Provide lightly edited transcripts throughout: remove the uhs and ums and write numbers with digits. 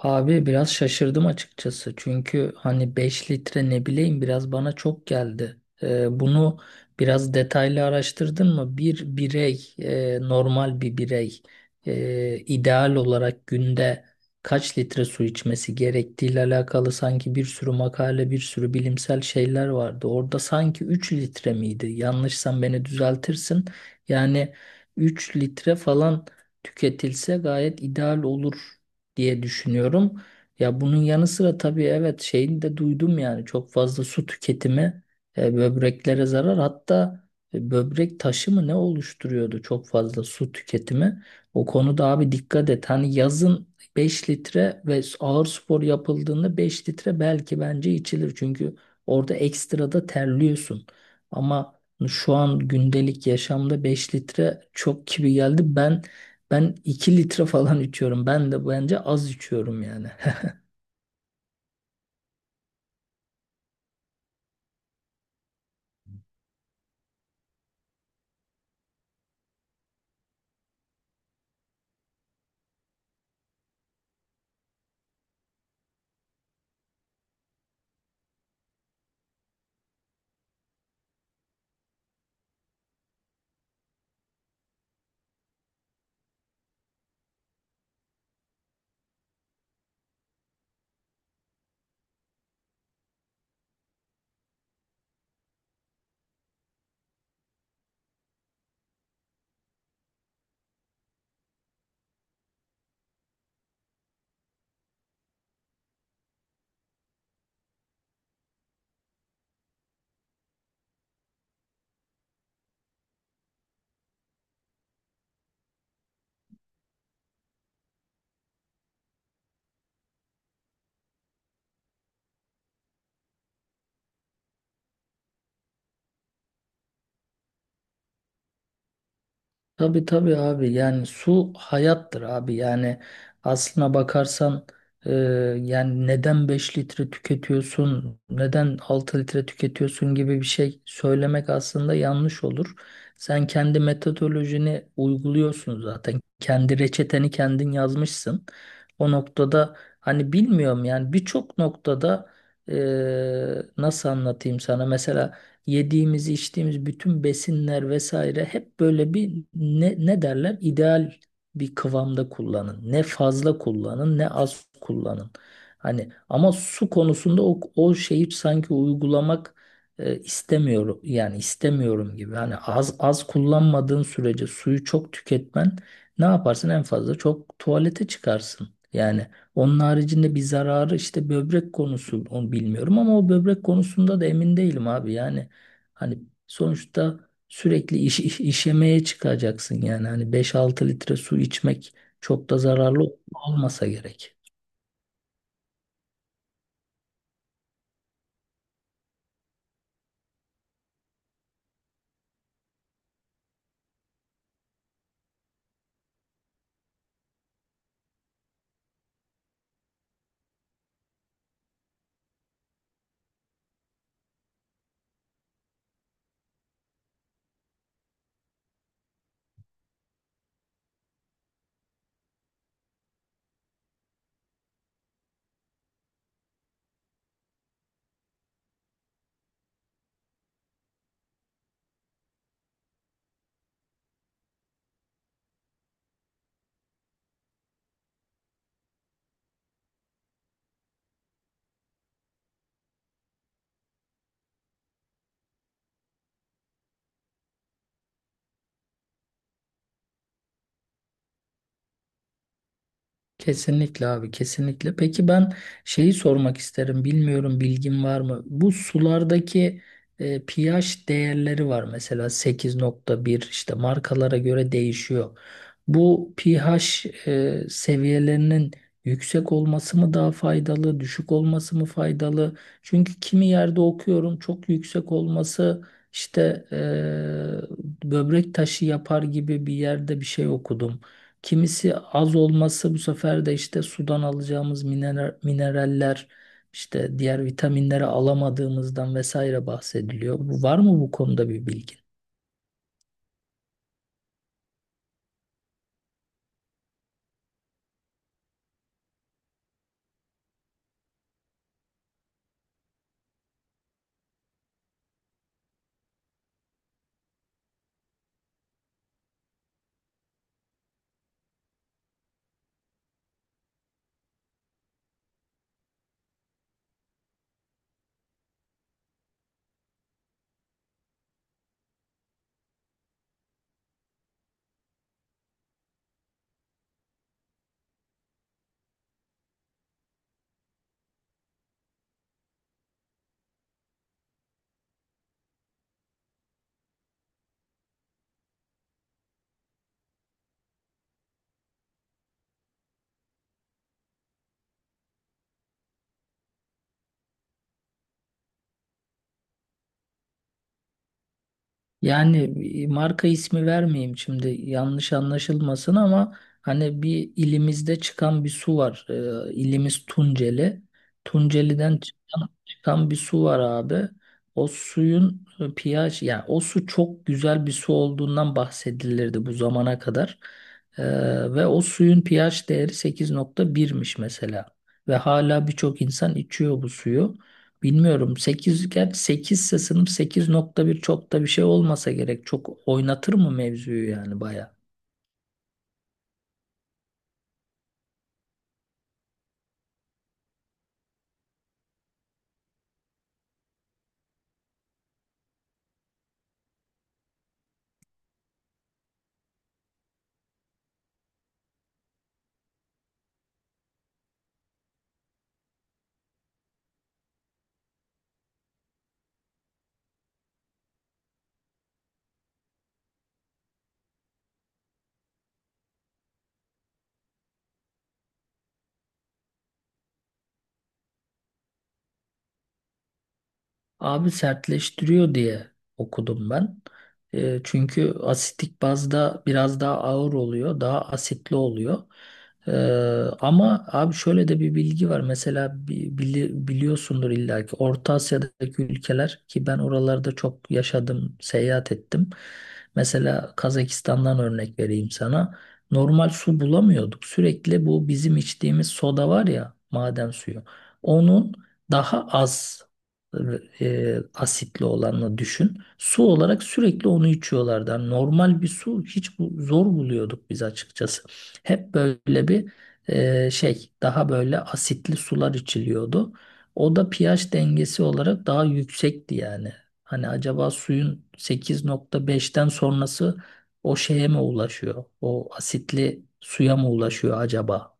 Abi biraz şaşırdım açıkçası. Çünkü hani 5 litre ne bileyim biraz bana çok geldi. Bunu biraz detaylı araştırdın mı? Bir birey, normal bir birey, ideal olarak günde kaç litre su içmesi gerektiğiyle alakalı sanki bir sürü makale, bir sürü bilimsel şeyler vardı. Orada sanki 3 litre miydi? Yanlışsan beni düzeltirsin. Yani 3 litre falan tüketilse gayet ideal olur diye düşünüyorum. Ya bunun yanı sıra tabii evet şeyini de duydum, yani çok fazla su tüketimi böbreklere zarar, hatta böbrek taşı mı ne oluşturuyordu çok fazla su tüketimi. O konuda abi dikkat et, hani yazın 5 litre ve ağır spor yapıldığında 5 litre belki bence içilir, çünkü orada ekstra da terliyorsun. Ama şu an gündelik yaşamda 5 litre çok gibi geldi. Ben 2 litre falan içiyorum. Ben de bence az içiyorum yani. Tabii tabii abi, yani su hayattır abi, yani aslına bakarsan, e, yani neden 5 litre tüketiyorsun, neden 6 litre tüketiyorsun gibi bir şey söylemek aslında yanlış olur. Sen kendi metodolojini uyguluyorsun, zaten kendi reçeteni kendin yazmışsın. O noktada hani bilmiyorum, yani birçok noktada e, nasıl anlatayım sana, mesela yediğimiz, içtiğimiz bütün besinler vesaire hep böyle bir ne derler? İdeal bir kıvamda kullanın. Ne fazla kullanın, ne az kullanın. Hani ama su konusunda o şeyi sanki uygulamak istemiyorum, yani istemiyorum gibi. Hani az az kullanmadığın sürece suyu çok tüketmen, ne yaparsın en fazla çok tuvalete çıkarsın. Yani onun haricinde bir zararı, işte böbrek konusu, onu bilmiyorum, ama o böbrek konusunda da emin değilim abi. Yani hani sonuçta sürekli işemeye çıkacaksın yani. Hani 5-6 litre su içmek çok da zararlı olmasa gerek. Kesinlikle abi, kesinlikle. Peki ben şeyi sormak isterim, bilmiyorum, bilgin var mı? Bu sulardaki pH değerleri var, mesela 8.1, işte markalara göre değişiyor. Bu pH seviyelerinin yüksek olması mı daha faydalı, düşük olması mı faydalı? Çünkü kimi yerde okuyorum çok yüksek olması işte böbrek taşı yapar gibi bir yerde bir şey okudum. Kimisi az olması bu sefer de işte sudan alacağımız mineraller, işte diğer vitaminleri alamadığımızdan vesaire bahsediliyor. Var mı bu konuda bir bilgin? Yani marka ismi vermeyeyim şimdi, yanlış anlaşılmasın, ama hani bir ilimizde çıkan bir su var. İlimiz Tunceli. Tunceli'den çıkan bir su var abi. O suyun pH, yani o su çok güzel bir su olduğundan bahsedilirdi bu zamana kadar. Ee, ve o suyun pH değeri 8.1'miş mesela. Ve hala birçok insan içiyor bu suyu. Bilmiyorum, 8 gerçi, 8 ise sınıf, 8.1 çok da bir şey olmasa gerek. Çok oynatır mı mevzuyu yani, baya? Abi sertleştiriyor diye okudum ben. Çünkü asitik bazda biraz daha ağır oluyor, daha asitli oluyor. E, ama abi şöyle de bir bilgi var. Mesela biliyorsundur illa ki Orta Asya'daki ülkeler, ki ben oralarda çok yaşadım, seyahat ettim. Mesela Kazakistan'dan örnek vereyim sana. Normal su bulamıyorduk. Sürekli bu bizim içtiğimiz soda var ya, maden suyu. Onun daha az asitli olanla düşün. Su olarak sürekli onu içiyorlardı. Yani normal bir su hiç bu, zor buluyorduk biz açıkçası. Hep böyle bir şey, daha böyle asitli sular içiliyordu. O da pH dengesi olarak daha yüksekti yani. Hani acaba suyun 8.5'ten sonrası o şeye mi ulaşıyor? O asitli suya mı ulaşıyor acaba?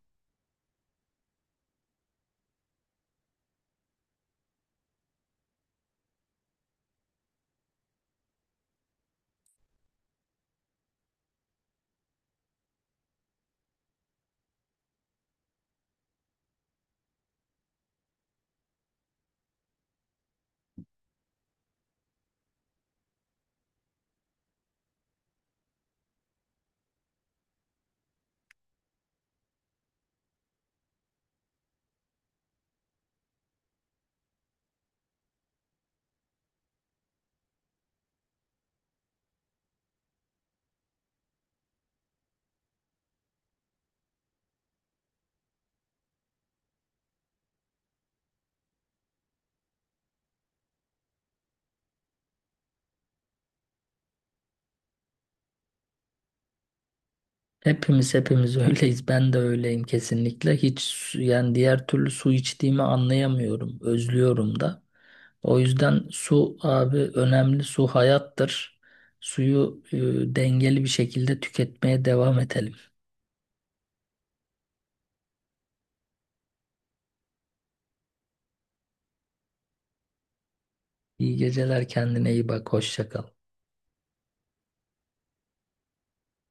Hepimiz öyleyiz. Ben de öyleyim kesinlikle. Hiç yani diğer türlü su içtiğimi anlayamıyorum. Özlüyorum da. O yüzden su abi önemli. Su hayattır. Suyu dengeli bir şekilde tüketmeye devam edelim. İyi geceler, kendine iyi bak. Hoşça kal.